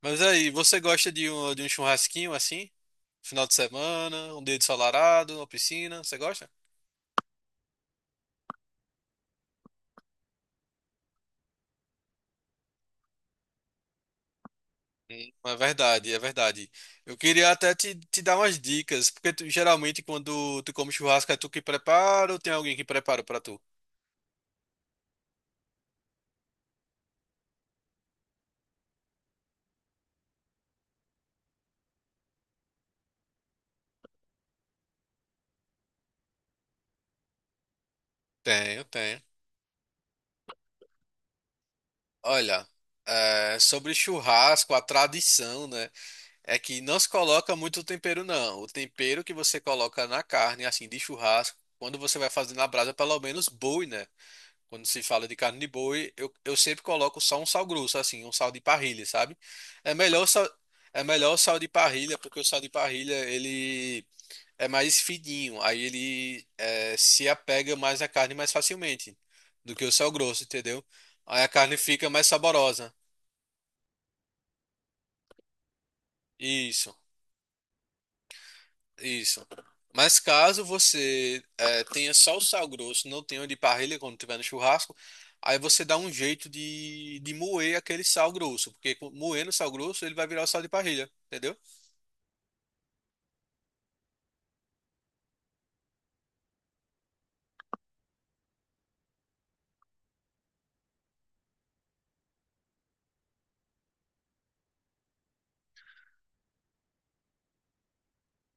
Mas aí, você gosta de um churrasquinho assim? Final de semana, um dia ensolarado, uma piscina, você gosta? Sim. É verdade. Eu queria até te dar umas dicas, porque geralmente quando tu come churrasco é tu que prepara ou tem alguém que prepara pra tu? Tenho. Olha, sobre churrasco, a tradição, né, é que não se coloca muito tempero, não. O tempero que você coloca na carne, assim, de churrasco, quando você vai fazer na brasa, é pelo menos boi, né? Quando se fala de carne de boi, eu sempre coloco só um sal grosso, assim, um sal de parrilha, sabe? É melhor o sal, é melhor o sal de parrilha, porque o sal de parrilha, ele é mais fininho, aí ele se apega mais à carne mais facilmente do que o sal grosso, entendeu? Aí a carne fica mais saborosa. Isso. Isso. Mas caso você tenha só o sal grosso, não tenha o de parrilha quando tiver no churrasco, aí você dá um jeito de moer aquele sal grosso, porque moendo o sal grosso ele vai virar o sal de parrilha, entendeu?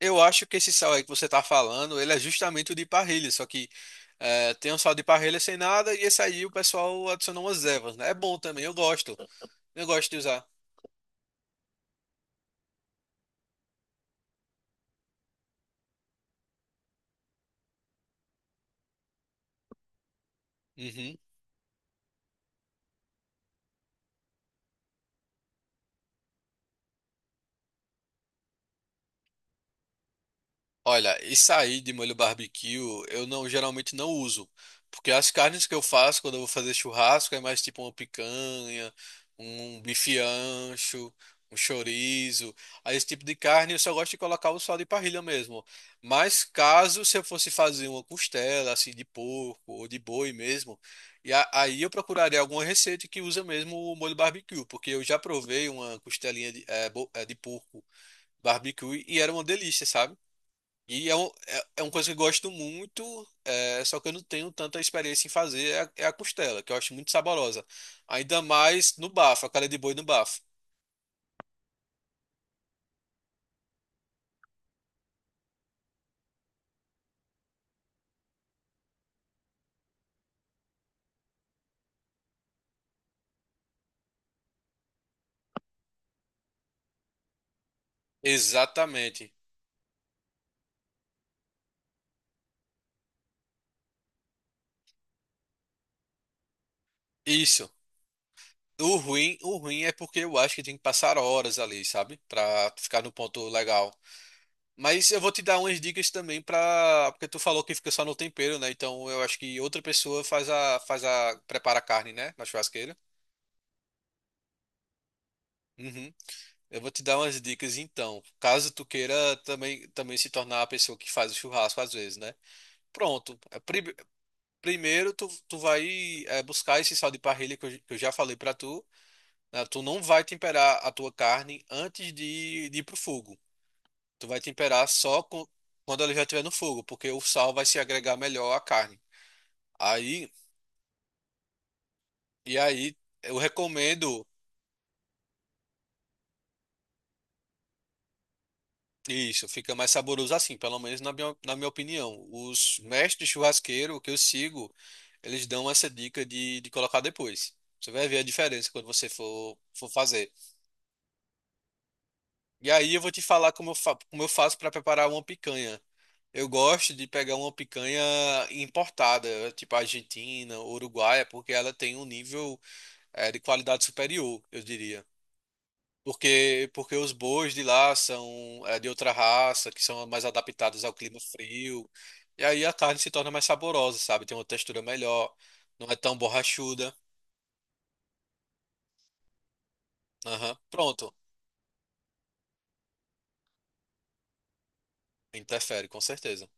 Eu acho que esse sal aí que você tá falando, ele é justamente o de parrilha, só que tem um sal de parrilha sem nada e esse aí o pessoal adicionou umas ervas, né? É bom também, eu gosto. Eu gosto de usar. Uhum. Olha, isso aí de molho barbecue eu não geralmente não uso, porque as carnes que eu faço quando eu vou fazer churrasco é mais tipo uma picanha, um bife ancho, um chorizo. Aí esse tipo de carne eu só gosto de colocar o sal de parrilha mesmo. Mas caso se eu fosse fazer uma costela assim de porco ou de boi mesmo, aí eu procuraria alguma receita que usa mesmo o molho barbecue, porque eu já provei uma costelinha de, eh, bo- eh, de porco barbecue e era uma delícia, sabe? É uma coisa que eu gosto muito, só que eu não tenho tanta experiência em fazer, é a costela, que eu acho muito saborosa. Ainda mais no bafo, a cara de boi no bafo. Exatamente. Isso. O ruim é porque eu acho que tem que passar horas ali, sabe? Pra ficar no ponto legal. Mas eu vou te dar umas dicas também pra. Porque tu falou que fica só no tempero, né? Então eu acho que outra pessoa prepara a carne, né? Na churrasqueira. Uhum. Eu vou te dar umas dicas então, caso tu queira também, também se tornar a pessoa que faz o churrasco às vezes, né? Pronto, primeiro tu vai buscar esse sal de parrilha que eu já falei pra tu, né? Tu não vai temperar a tua carne antes de ir pro fogo. Tu vai temperar só com- quando ela já estiver no fogo, porque o sal vai se agregar melhor à carne. Aí, aí eu recomendo isso, fica mais saboroso assim, pelo menos na minha opinião. Os mestres churrasqueiros que eu sigo eles dão essa dica de colocar depois. Você vai ver a diferença quando você for fazer. E aí eu vou te falar como eu, fa como eu faço para preparar uma picanha. Eu gosto de pegar uma picanha importada, tipo argentina, uruguaia, porque ela tem um nível de qualidade superior, eu diria. Porque os bois de lá são de outra raça, que são mais adaptados ao clima frio. E aí a carne se torna mais saborosa, sabe? Tem uma textura melhor, não é tão borrachuda. Aham. Pronto. Interfere, com certeza.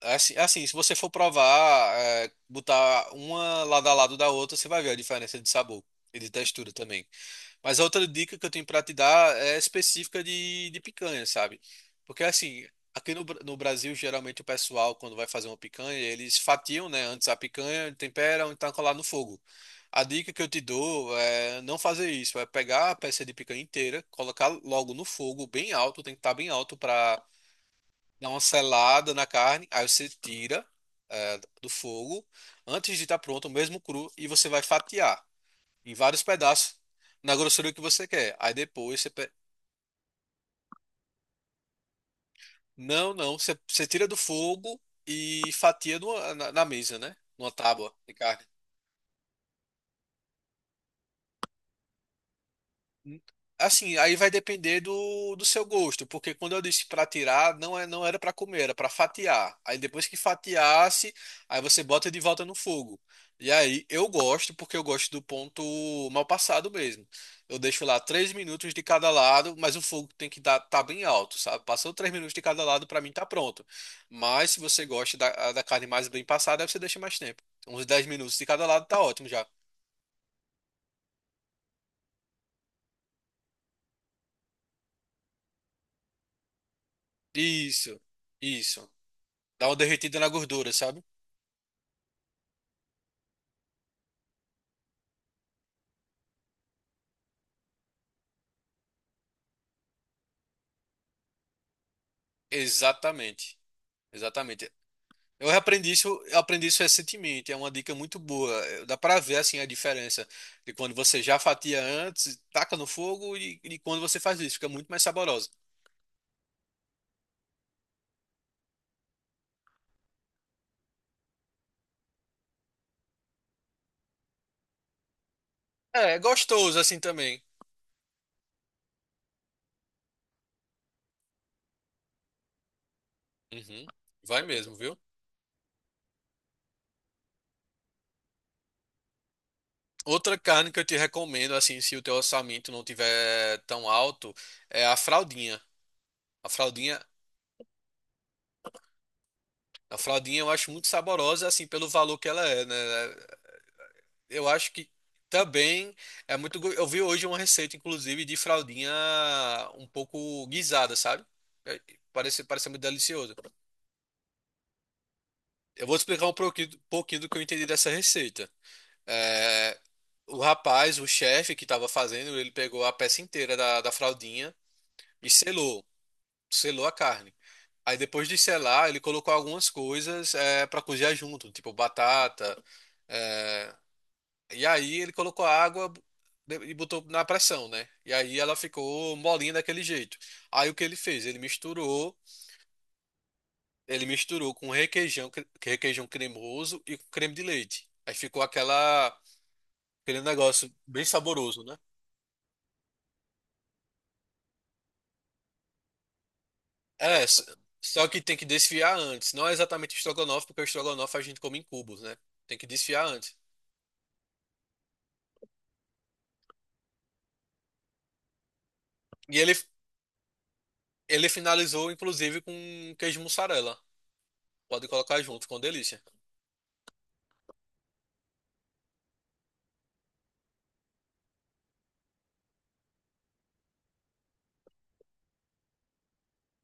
É assim, se você for provar, botar uma lado a lado da outra, você vai ver a diferença de sabor e de textura também. Mas a outra dica que eu tenho pra te dar é específica de picanha, sabe? Porque assim, aqui no, Bra- no Brasil, geralmente o pessoal, quando vai fazer uma picanha, eles fatiam, né, antes a picanha, temperam e tacam lá no fogo. A dica que eu te dou é não fazer isso, é pegar a peça de picanha inteira, colocar logo no fogo, bem alto, tem que estar bem alto para dá uma selada na carne, aí você tira do fogo antes de estar pronto, mesmo cru, e você vai fatiar em vários pedaços na grossura que você quer. Aí depois você não, não, você tira do fogo e fatia na mesa, né? Numa tábua de carne. Assim, aí vai depender do seu gosto, porque quando eu disse para tirar, não, não era para comer, era para fatiar. Aí depois que fatiasse, aí você bota de volta no fogo. E aí eu gosto, porque eu gosto do ponto mal passado mesmo. Eu deixo lá três minutos de cada lado, mas o fogo tem que estar bem alto, sabe? Passou três minutos de cada lado, para mim tá pronto. Mas se você gosta da carne mais bem passada, aí você deixa mais tempo. Uns 10 minutos de cada lado tá ótimo já. Isso, isso. Dá uma derretida na gordura, sabe? Exatamente. Exatamente. Eu aprendi isso recentemente, é uma dica muito boa. Dá pra ver assim a diferença de quando você já fatia antes, taca no fogo e quando você faz isso, fica muito mais saborosa. É, é gostoso assim também. Uhum. Vai mesmo, viu? Outra carne que eu te recomendo assim, se o teu orçamento não tiver tão alto, é a fraldinha. A fraldinha, a fraldinha eu acho muito saborosa assim pelo valor que ela é, né? Eu acho que também é muito. Eu vi hoje uma receita, inclusive, de fraldinha um pouco guisada, sabe? É, parece muito delicioso. Eu vou te explicar um pouquinho do que eu entendi dessa receita. É, o rapaz, o chefe que estava fazendo, ele pegou a peça inteira da fraldinha e selou a carne. Aí depois de selar, ele colocou algumas coisas para cozinhar junto, tipo batata, é, e aí ele colocou a água e botou na pressão, né? E aí ela ficou molinha daquele jeito. Aí o que ele fez? Ele misturou com requeijão, requeijão cremoso e com creme de leite. Aí ficou aquela, aquele negócio bem saboroso, né? É, s- só que tem que desfiar antes. Não é exatamente estrogonofe, porque o estrogonofe a gente come em cubos, né? Tem que desfiar antes. E ele finalizou, inclusive, com queijo mussarela. Pode colocar junto, ficou uma delícia.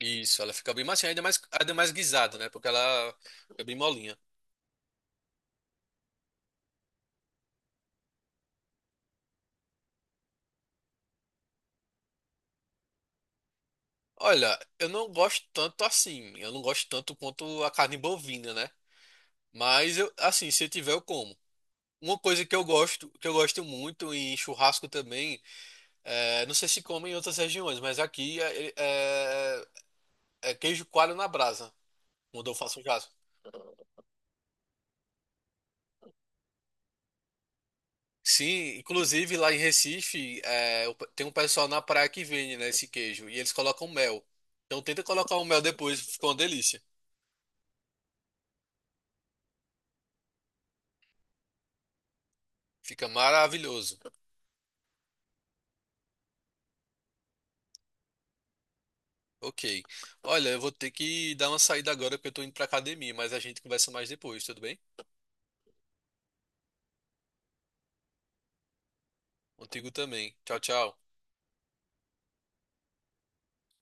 Isso, ela fica bem macia, ainda mais guisada, né? Porque ela é bem molinha. Olha, eu não gosto tanto assim. Eu não gosto tanto quanto a carne bovina, né? Mas eu, assim, se tiver, eu como. Uma coisa que eu gosto muito em churrasco também, é, não sei se come em outras regiões, mas é queijo coalho na brasa, quando eu faço um churrasco. Sim, inclusive lá em Recife, tem um pessoal na praia que vende, né, esse queijo, e eles colocam mel. Então tenta colocar o mel depois, fica uma delícia. Fica maravilhoso. Ok. Olha, eu vou ter que dar uma saída agora porque eu tô indo pra academia, mas a gente conversa mais depois, tudo bem? Contigo também. Tchau, tchau.